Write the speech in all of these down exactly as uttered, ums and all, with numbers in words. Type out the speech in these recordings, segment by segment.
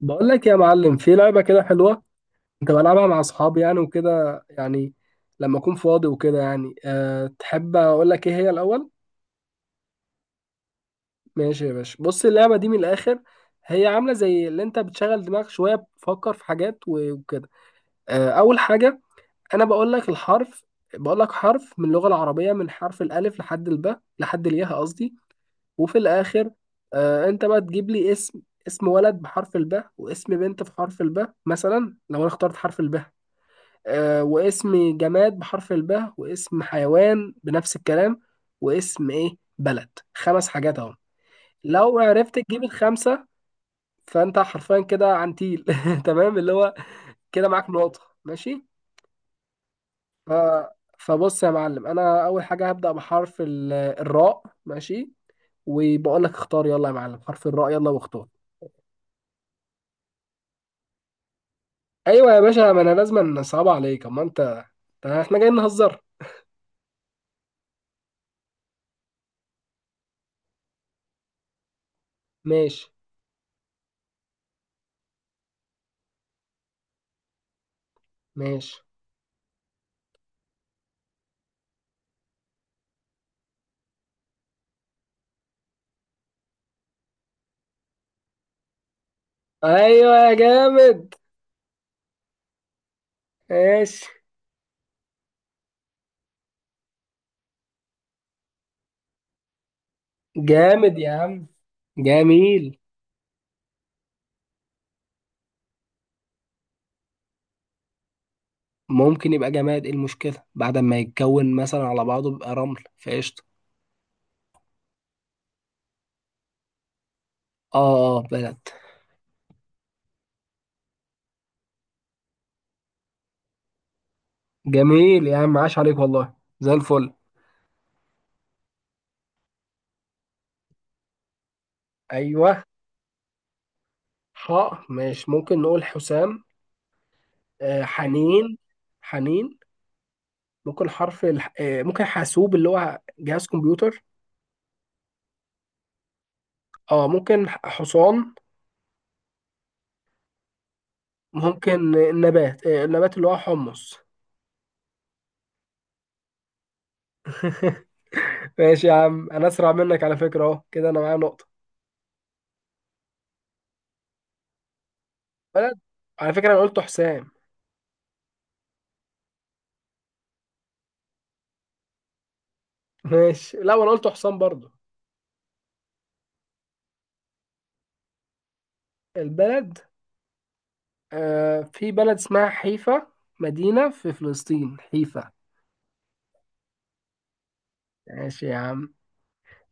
بقول لك يا معلم في لعبة كده حلوة. كنت بلعبها مع أصحابي يعني وكده يعني. لما أكون فاضي وكده يعني أه تحب أقول لك إيه هي الأول؟ ماشي يا باشا، بص اللعبة دي من الآخر. هي عاملة زي اللي أنت بتشغل دماغك شوية، بتفكر في حاجات و- وكده. أه أول حاجة، أنا بقول لك الحرف. بقول لك حرف من اللغة العربية، من حرف الألف لحد الباء، لحد الياء قصدي، وفي الآخر أه أنت بقى تجيب لي اسم. اسم ولد بحرف الباء، واسم بنت بحرف الباء، مثلا لو أنا اخترت حرف الباء، آه، واسم جماد بحرف الباء، واسم حيوان بنفس الكلام، واسم ايه بلد، خمس حاجات اهو. لو عرفت تجيب الخمسه فانت حرفيا كده عنتيل تمام، اللي هو كده معاك نقطه، ماشي. ف... فبص يا معلم، انا اول حاجه هبدا بحرف ال- الراء، ماشي. وبقول لك اختار، يلا يا معلم، حرف الراء، يلا واختار. ايوه يا باشا، ما انا لازم نصعب عليك اما انت، ده احنا جايين نهزر. ماشي. ماشي. ايوه يا جامد. ماشي. جامد يا عم. جميل. ممكن يبقى جماد، ايه المشكلة؟ بعد ما يتكون مثلا على بعضه بيبقى رمل فقشطة. اه اه، بلد. جميل يا عم، عاش عليك والله، زي الفل. ايوه. حاء ماشي، ممكن نقول حسام، آه حنين. حنين. ممكن حرف الح... آه ممكن حاسوب اللي هو جهاز كمبيوتر. اه ممكن ح- حصان. ممكن آه، النبات، آه النبات اللي هو حمص. ماشي يا عم، انا اسرع منك على فكرة، اهو كده انا معايا نقطة. بلد، على فكرة أنا قلت حسام. ماشي، لا وأنا قلت حسام برضو. البلد، آه في بلد اسمها حيفا، مدينة في فلسطين، حيفا. ماشي يا عم.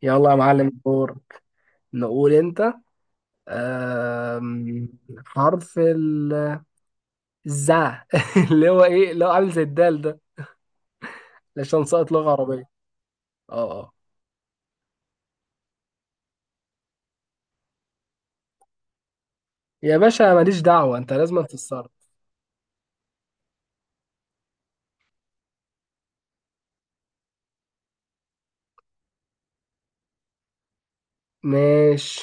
يلا يا معلم، دور. نقول أنت. آم، حرف ال- الزا اللي هو إيه، اللي هو عامل زي الدال ده، عشان ساقط لغة عربية. أه أه. يا باشا ماليش دعوة، أنت لازم تتصرف. ماشي.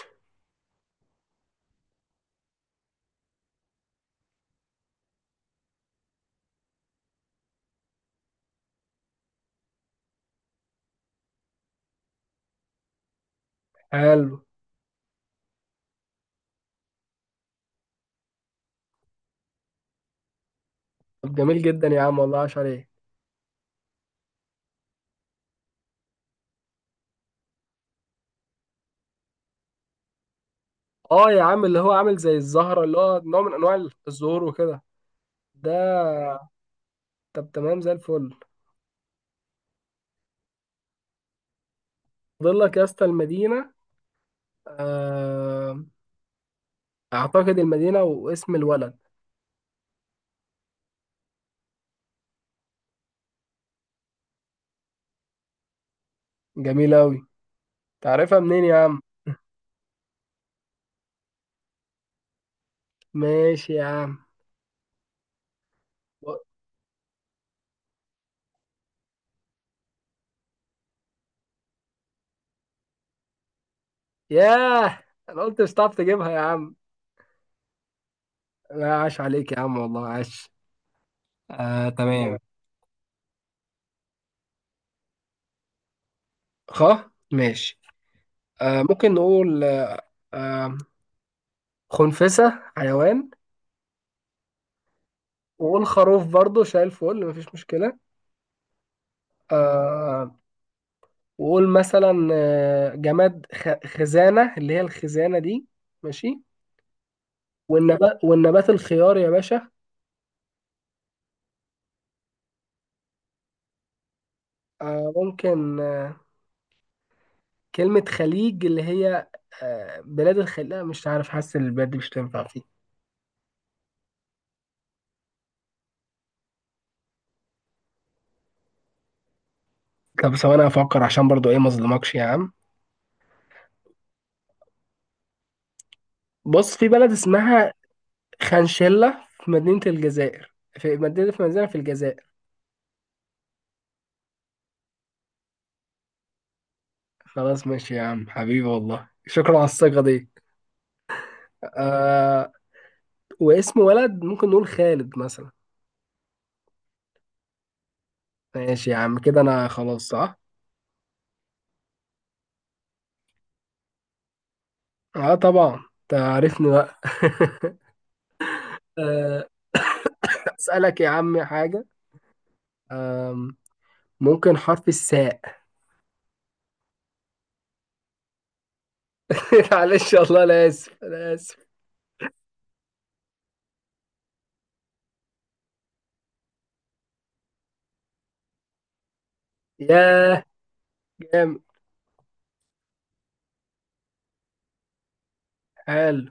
حلو. طب جميل جدا يا عم والله، عاش عليك. اه يا عم، اللي هو عامل زي الزهرة، اللي هو نوع من انواع الزهور وكده، ده. طب تمام، زي الفل. فاضل لك يا اسطى المدينة. آه، اعتقد المدينة واسم الولد. جميل اوي، تعرفها منين يا عم؟ ماشي يا عم. و- ياه، انا قلت مش هتعرف تجيبها يا عم. لا، عاش عليك يا عم والله، عاش. آه تمام. خ ماشي. آه ممكن نقول، آه آه، خنفسة حيوان. وقول خروف برضه، شايل فل مفيش مشكلة. آه وقول مثلا آه، جماد خ- خزانة، اللي هي الخزانة دي، ماشي. والنبات، والنبات الخيار يا باشا. آه، ممكن آه، كلمة خليج، اللي هي آه، بلاد الخليج، لا مش عارف، حاسس إن البلاد دي مش تنفع فيه. طب ثواني افكر، عشان برضو ايه ما اظلمكش يا عم. بص، في بلد اسمها خنشلة في مدينة الجزائر، في مدينة، في مدينة في الجزائر. خلاص ماشي يا عم حبيبي والله، شكرا على الثقة دي. آه واسم ولد ممكن نقول خالد مثلا. ماشي يا عم، كده انا خلاص صح؟ اه طبعا، تعرفني بقى. آه، اسالك يا عم حاجه، آم، ممكن حرف الساء؟ معلش والله، انا اسف انا اسف. ياه. جامد. حلو.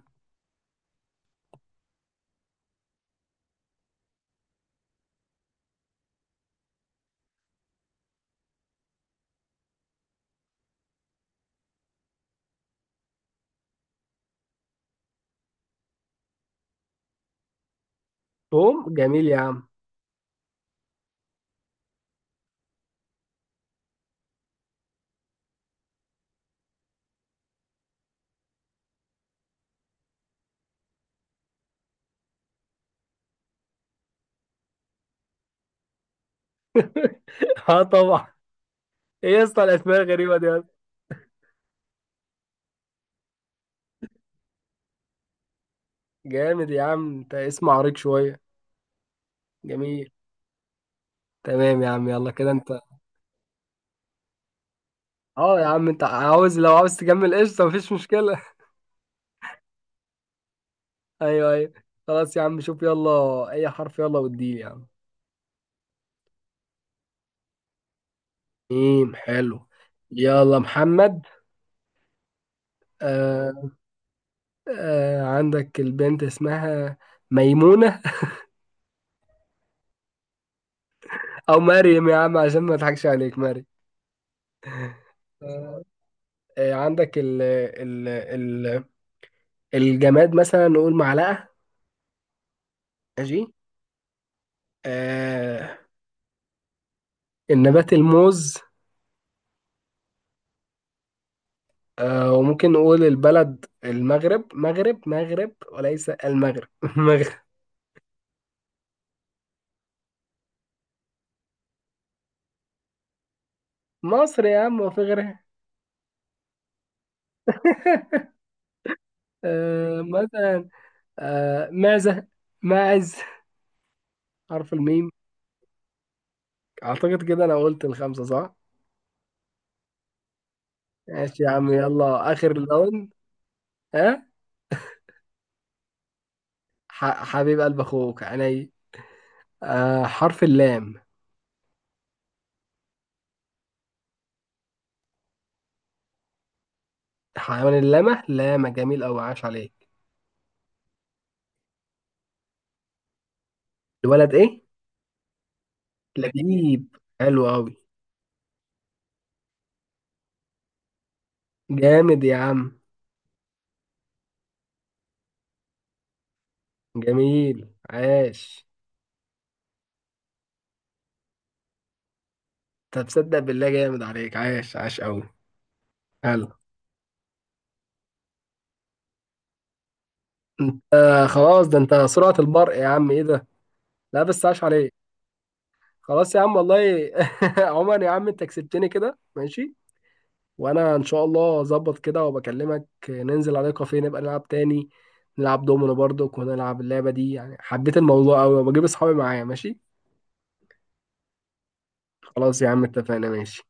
توم جميل يا عم. اه طبعا، ايه يا اسطى الاسماء الغريبه دي يا اسطى؟ جامد يا عم، انت اسم عريق شويه. جميل. تمام يا عم، يلا كده انت. اه يا عم انت عاوز، لو عاوز تكمل قشطه مفيش مشكله ايوه ايوه. خلاص يا عم، شوف يلا اي حرف، يلا واديلي يا عم. ميم حلو. يلا محمد. آه آه، عندك البنت اسمها ميمونة. أو مريم يا عم، عشان ما أضحكش عليك، مريم. آه آه، عندك ال ال ال الجماد مثلا، نقول معلقة، ماشي. آه النبات الموز. آه، وممكن نقول البلد المغرب، مغرب مغرب وليس المغرب مغرب. مصر يا عم، وفي غيرها. آه مثلا، آه معزة، ماعز، حرف الميم. اعتقد كده انا قلت الخمسة صح. ماشي يا عم، خمسة، يلا اخر لون. ها، ح- حبيب قلب اخوك عيني. آه حرف اللام. حيوان اللامة، لامة، جميل اوي، عاش عليك. الولد ايه؟ لبيب، حلو اوي. جامد يا عم. جميل. عاش. طب تصدق بالله، جامد عليك، عاش عاش اوي. حلو. انت آه خلاص، ده انت سرعة البرق يا عم، ايه ده؟ لا بس، عاش عليك. خلاص يا عم والله. عمر يا عم، انت كسبتني كده، ماشي. وانا ان شاء الله اظبط كده، وبكلمك ننزل على كافيه، نبقى نلعب تاني. نلعب دومينو برضو، ونلعب اللعبة دي، يعني حبيت الموضوع قوي، وبجيب اصحابي معايا، ماشي. خلاص يا عم، اتفقنا، ماشي.